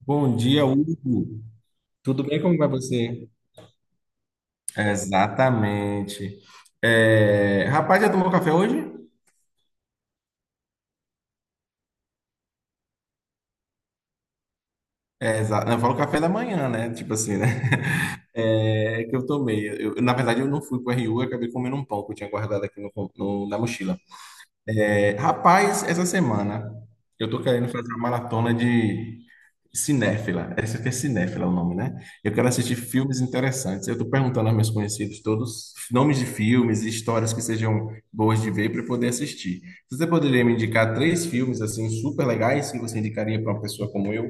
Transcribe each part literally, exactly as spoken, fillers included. Bom dia, Hugo. Tudo bem? Como vai você? Exatamente. É, Rapaz, já tomou café hoje? É, exa- Não, eu falo café da manhã, né? Tipo assim, né? É que eu tomei. Eu, na verdade, eu não fui para o R U, eu acabei comendo um pão que eu tinha guardado aqui no- no- na mochila. É, rapaz, essa semana eu tô querendo fazer uma maratona de cinéfila. Essa aqui é cinéfila o nome, né? Eu quero assistir filmes interessantes. Eu tô perguntando aos meus conhecidos todos nomes de filmes e histórias que sejam boas de ver para poder assistir. Você poderia me indicar três filmes assim super legais que você indicaria para uma pessoa como eu?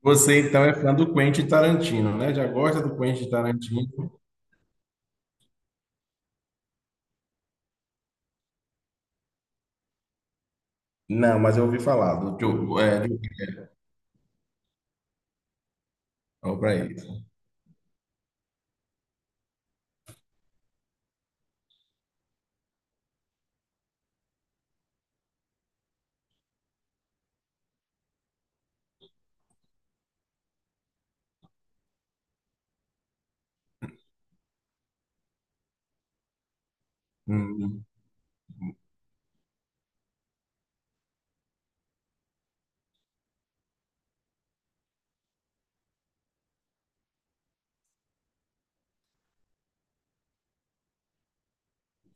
Você então é fã do Quentin Tarantino, né? Já gosta do Quentin Tarantino? Não, mas eu ouvi falar do Joe, é, do, ó, pra ele. Hum.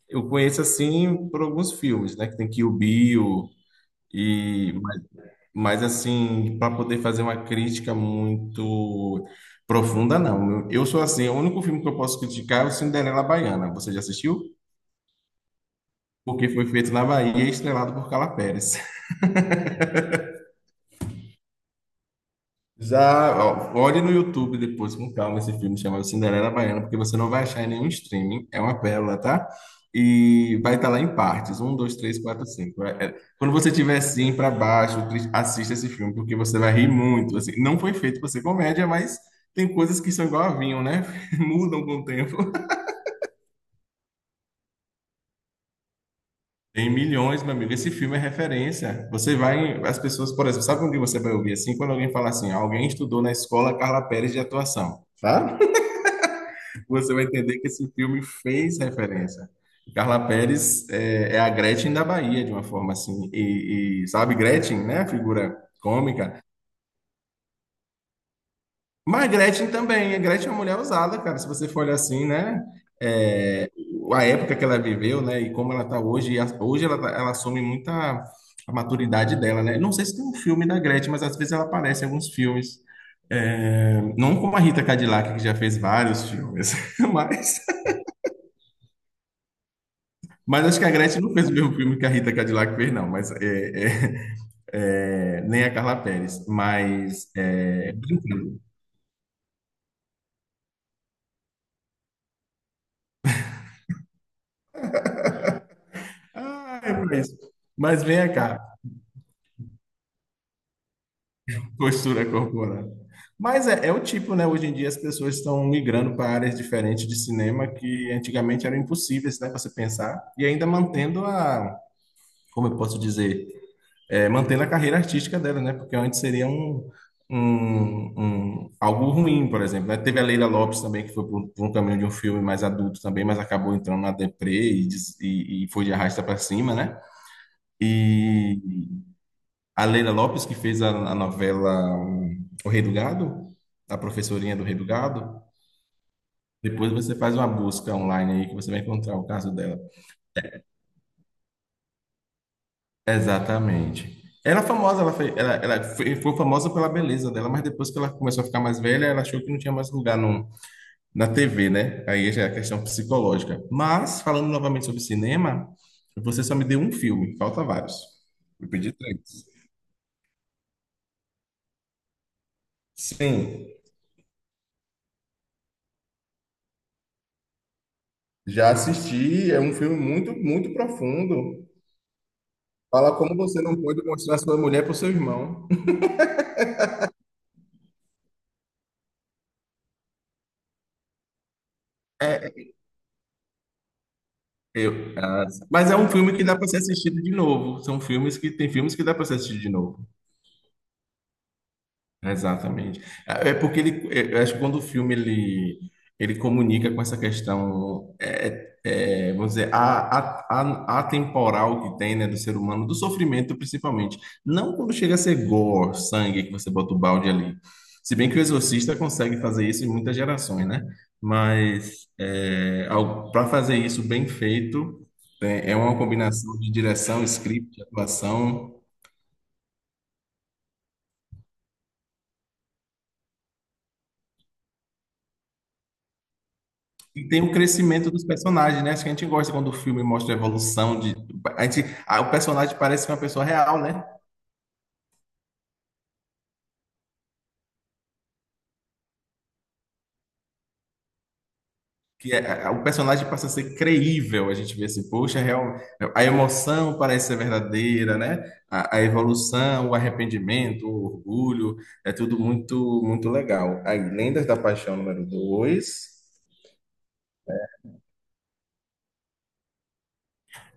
Eu conheço assim por alguns filmes, né? Que tem Kill Bill e mas, mas, assim, para poder fazer uma crítica muito profunda, não. Eu sou assim, o único filme que eu posso criticar é o Cinderela Baiana. Você já assistiu? Porque foi feito na Bahia e estrelado por Carla Pérez. Já, ó, olhe no YouTube depois com calma esse filme chamado Cinderela Baiana, porque você não vai achar em nenhum streaming, é uma pérola, tá? E vai estar lá em partes, um, dois, três, quatro, cinco. É- é- Quando você estiver assim para baixo, tri- assista esse filme, porque você vai rir muito. Assim, não foi feito para ser comédia, mas tem coisas que são igual a vinho, né? Mudam com o tempo. Tem milhões, meu amigo. Esse filme é referência. Você vai, em- as pessoas, por exemplo, sabe onde você vai ouvir assim? Quando alguém fala assim, alguém estudou na escola Carla Pérez de atuação. Tá? Você vai entender que esse filme fez referência. Carla Perez é, é a Gretchen da Bahia, de uma forma assim. E, e, sabe, Gretchen, né? A figura cômica. Mas Gretchen também. A Gretchen é uma mulher usada, cara. Se você for olhar assim, né? É, a época que ela viveu, né? E como ela tá hoje. e a- Hoje ela, tá- ela assume muita a maturidade dela, né? Não sei se tem um filme da Gretchen, mas às vezes ela aparece em alguns filmes. É, não como a Rita Cadillac, que já fez vários filmes, mas Mas acho que a Gretchen não fez o mesmo filme que a Rita Cadillac fez, não. Mas é, é, é, nem a Carla Perez. Mas é, brincando. Ah, é pra isso. Mas vem cá, postura corporal. Mas é, é o tipo, né? Hoje em dia as pessoas estão migrando para áreas diferentes de cinema que antigamente eram impossíveis, né, para você pensar, e ainda mantendo a, como eu posso dizer, é, mantendo a carreira artística dela, né? Porque antes seria um, um, um- algo ruim, por exemplo, né? Teve a Leila Lopes também, que foi por, por um caminho de um filme mais adulto também, mas acabou entrando na deprê e, des- e- e- foi de arrasta para cima, né? E a Leila Lopes, que fez a, a novela um, O Rei do Gado, a professorinha do Rei do Gado, depois você faz uma busca online aí que você vai encontrar o caso dela. Exatamente. Ela é famosa, ela foi, ela, ela foi, foi famosa pela beleza dela, mas depois que ela começou a ficar mais velha, ela achou que não tinha mais lugar no, na T V, né? Aí já é a questão psicológica. Mas, falando novamente sobre cinema, você só me deu um filme, falta vários. Eu pedi três. Sim, já assisti, é um filme muito, muito profundo. Fala como você não pode mostrar sua mulher para o seu irmão. É, Eu, ah, mas é um filme que dá para ser assistido de novo. São filmes que tem filmes que dá para ser assistido de novo. Exatamente. É é porque ele, é, eu acho que quando o filme ele, ele comunica com essa questão, é, é, é, vamos dizer, a, a, a- atemporal que tem, né, do ser humano, do sofrimento principalmente. Não quando chega a ser gore, sangue, que você bota o balde ali. Se bem que o Exorcista consegue fazer isso em muitas gerações, né? Mas é, para fazer isso bem feito, é, é uma combinação de direção, script, atuação. E tem o crescimento dos personagens, né? Acho que a gente gosta quando o filme mostra a evolução de. A gente, ah, o personagem parece uma pessoa real, né? Que é- o personagem passa a ser creível. A gente vê assim, poxa, real, a emoção parece ser verdadeira, né? A, a evolução, o arrependimento, o orgulho, é tudo muito, muito legal. Aí, Lendas da Paixão número dois,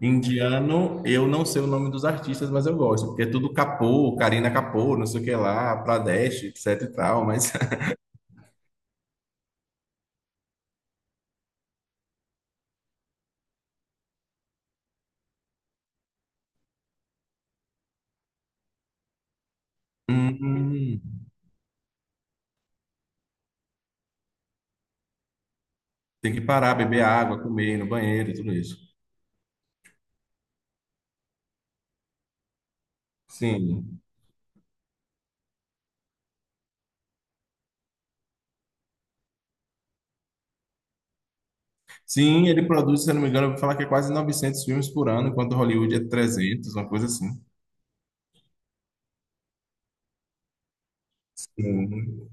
indiano, eu não sei o nome dos artistas, mas eu gosto, porque é tudo Kapoor, Karina Kapoor, não sei o que lá, Pradesh, etc e tal, mas hum, tem que parar, beber água, comer, ir no banheiro, tudo isso. Sim. Sim, ele produz, se eu não me engano, eu vou falar que é quase novecentos filmes por ano, enquanto Hollywood é trezentos, uma coisa assim. Sim,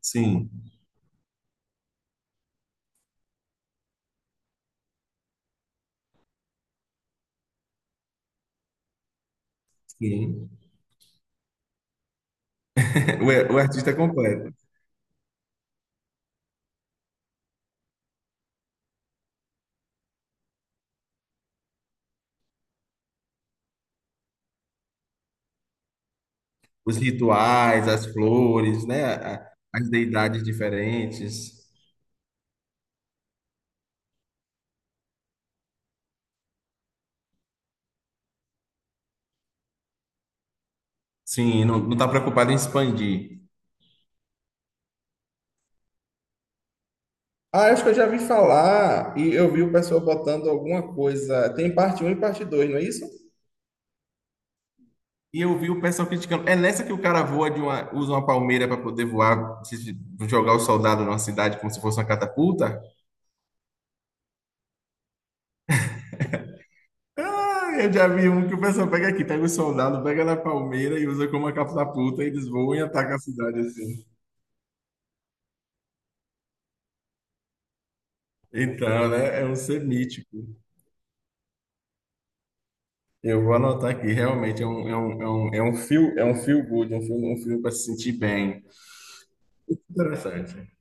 sim. sim. O, ar- o artista é completo. Os rituais, as flores, né? a- a- As deidades diferentes. Sim, não, não tá preocupado em expandir. Ah, acho que eu já vi falar e eu vi o pessoal botando alguma coisa. Tem parte um e parte dois, não é isso? E eu vi o pessoal criticando. É nessa que o cara voa de uma, usa uma palmeira para poder voar, se- jogar o soldado numa cidade como se fosse uma catapulta? Ah, eu já vi um que o pessoal pega aqui, pega o soldado, pega na palmeira e usa como uma catapulta, e eles voam e atacam a cidade assim. Então, né? É um ser mítico. Eu vou anotar aqui, realmente é um, é um, é um, é um feel, é um feel good, é um filme, um filme para se sentir bem. Interessante.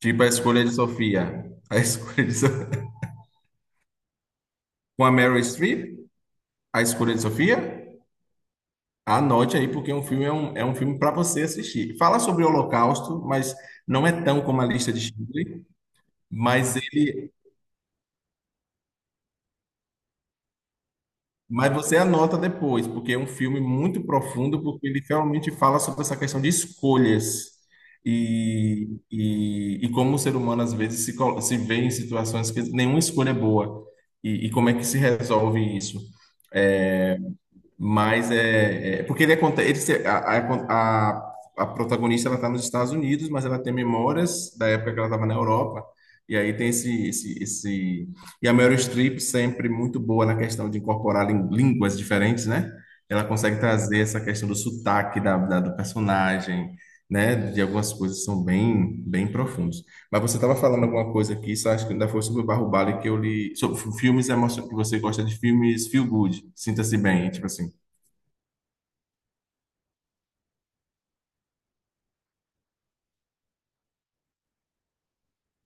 Tipo a escolha de Sofia. A escolha de Sofia. Com a Meryl Streep, a escolha de Sofia. Anote aí, porque um filme é um, é um filme para você assistir. Fala sobre o Holocausto, mas não é tão como a lista de Schindler, mas ele, mas você anota depois, porque é um filme muito profundo, porque ele realmente fala sobre essa questão de escolhas e, e, e como o ser humano às vezes se, col- se vê em situações que nenhuma escolha é boa e, e como é que se resolve isso. É, Mas é, é- porque ele aconte- ele se- a, a, a- a protagonista ela está nos Estados Unidos, mas ela tem memórias da época que ela estava na Europa. E aí tem esse, esse, esse e a Meryl Streep sempre muito boa na questão de incorporar lin- línguas diferentes, né? Ela consegue trazer essa questão do sotaque da, da- do personagem, né? De algumas coisas que são bem bem profundas. Mas você estava falando alguma coisa aqui, só acho que ainda foi sobre o Barro Bale que eu li, sobre filmes emocionantes, que você gosta de filmes feel good, sinta-se bem, tipo assim.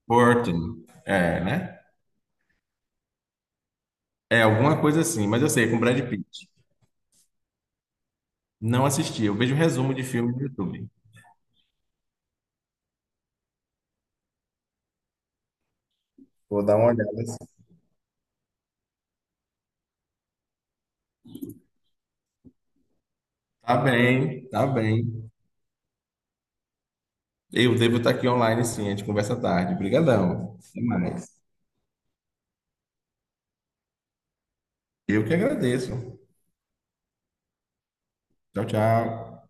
Burton, é, né? É alguma coisa assim, mas eu sei, é com Brad Pitt. Não assisti, eu vejo resumo de filme no YouTube. Vou dar uma olhada assim. Tá bem, tá bem. Eu devo estar aqui online sim, a gente conversa tarde. Obrigadão. Até mais. Eu que agradeço. Tchau, tchau.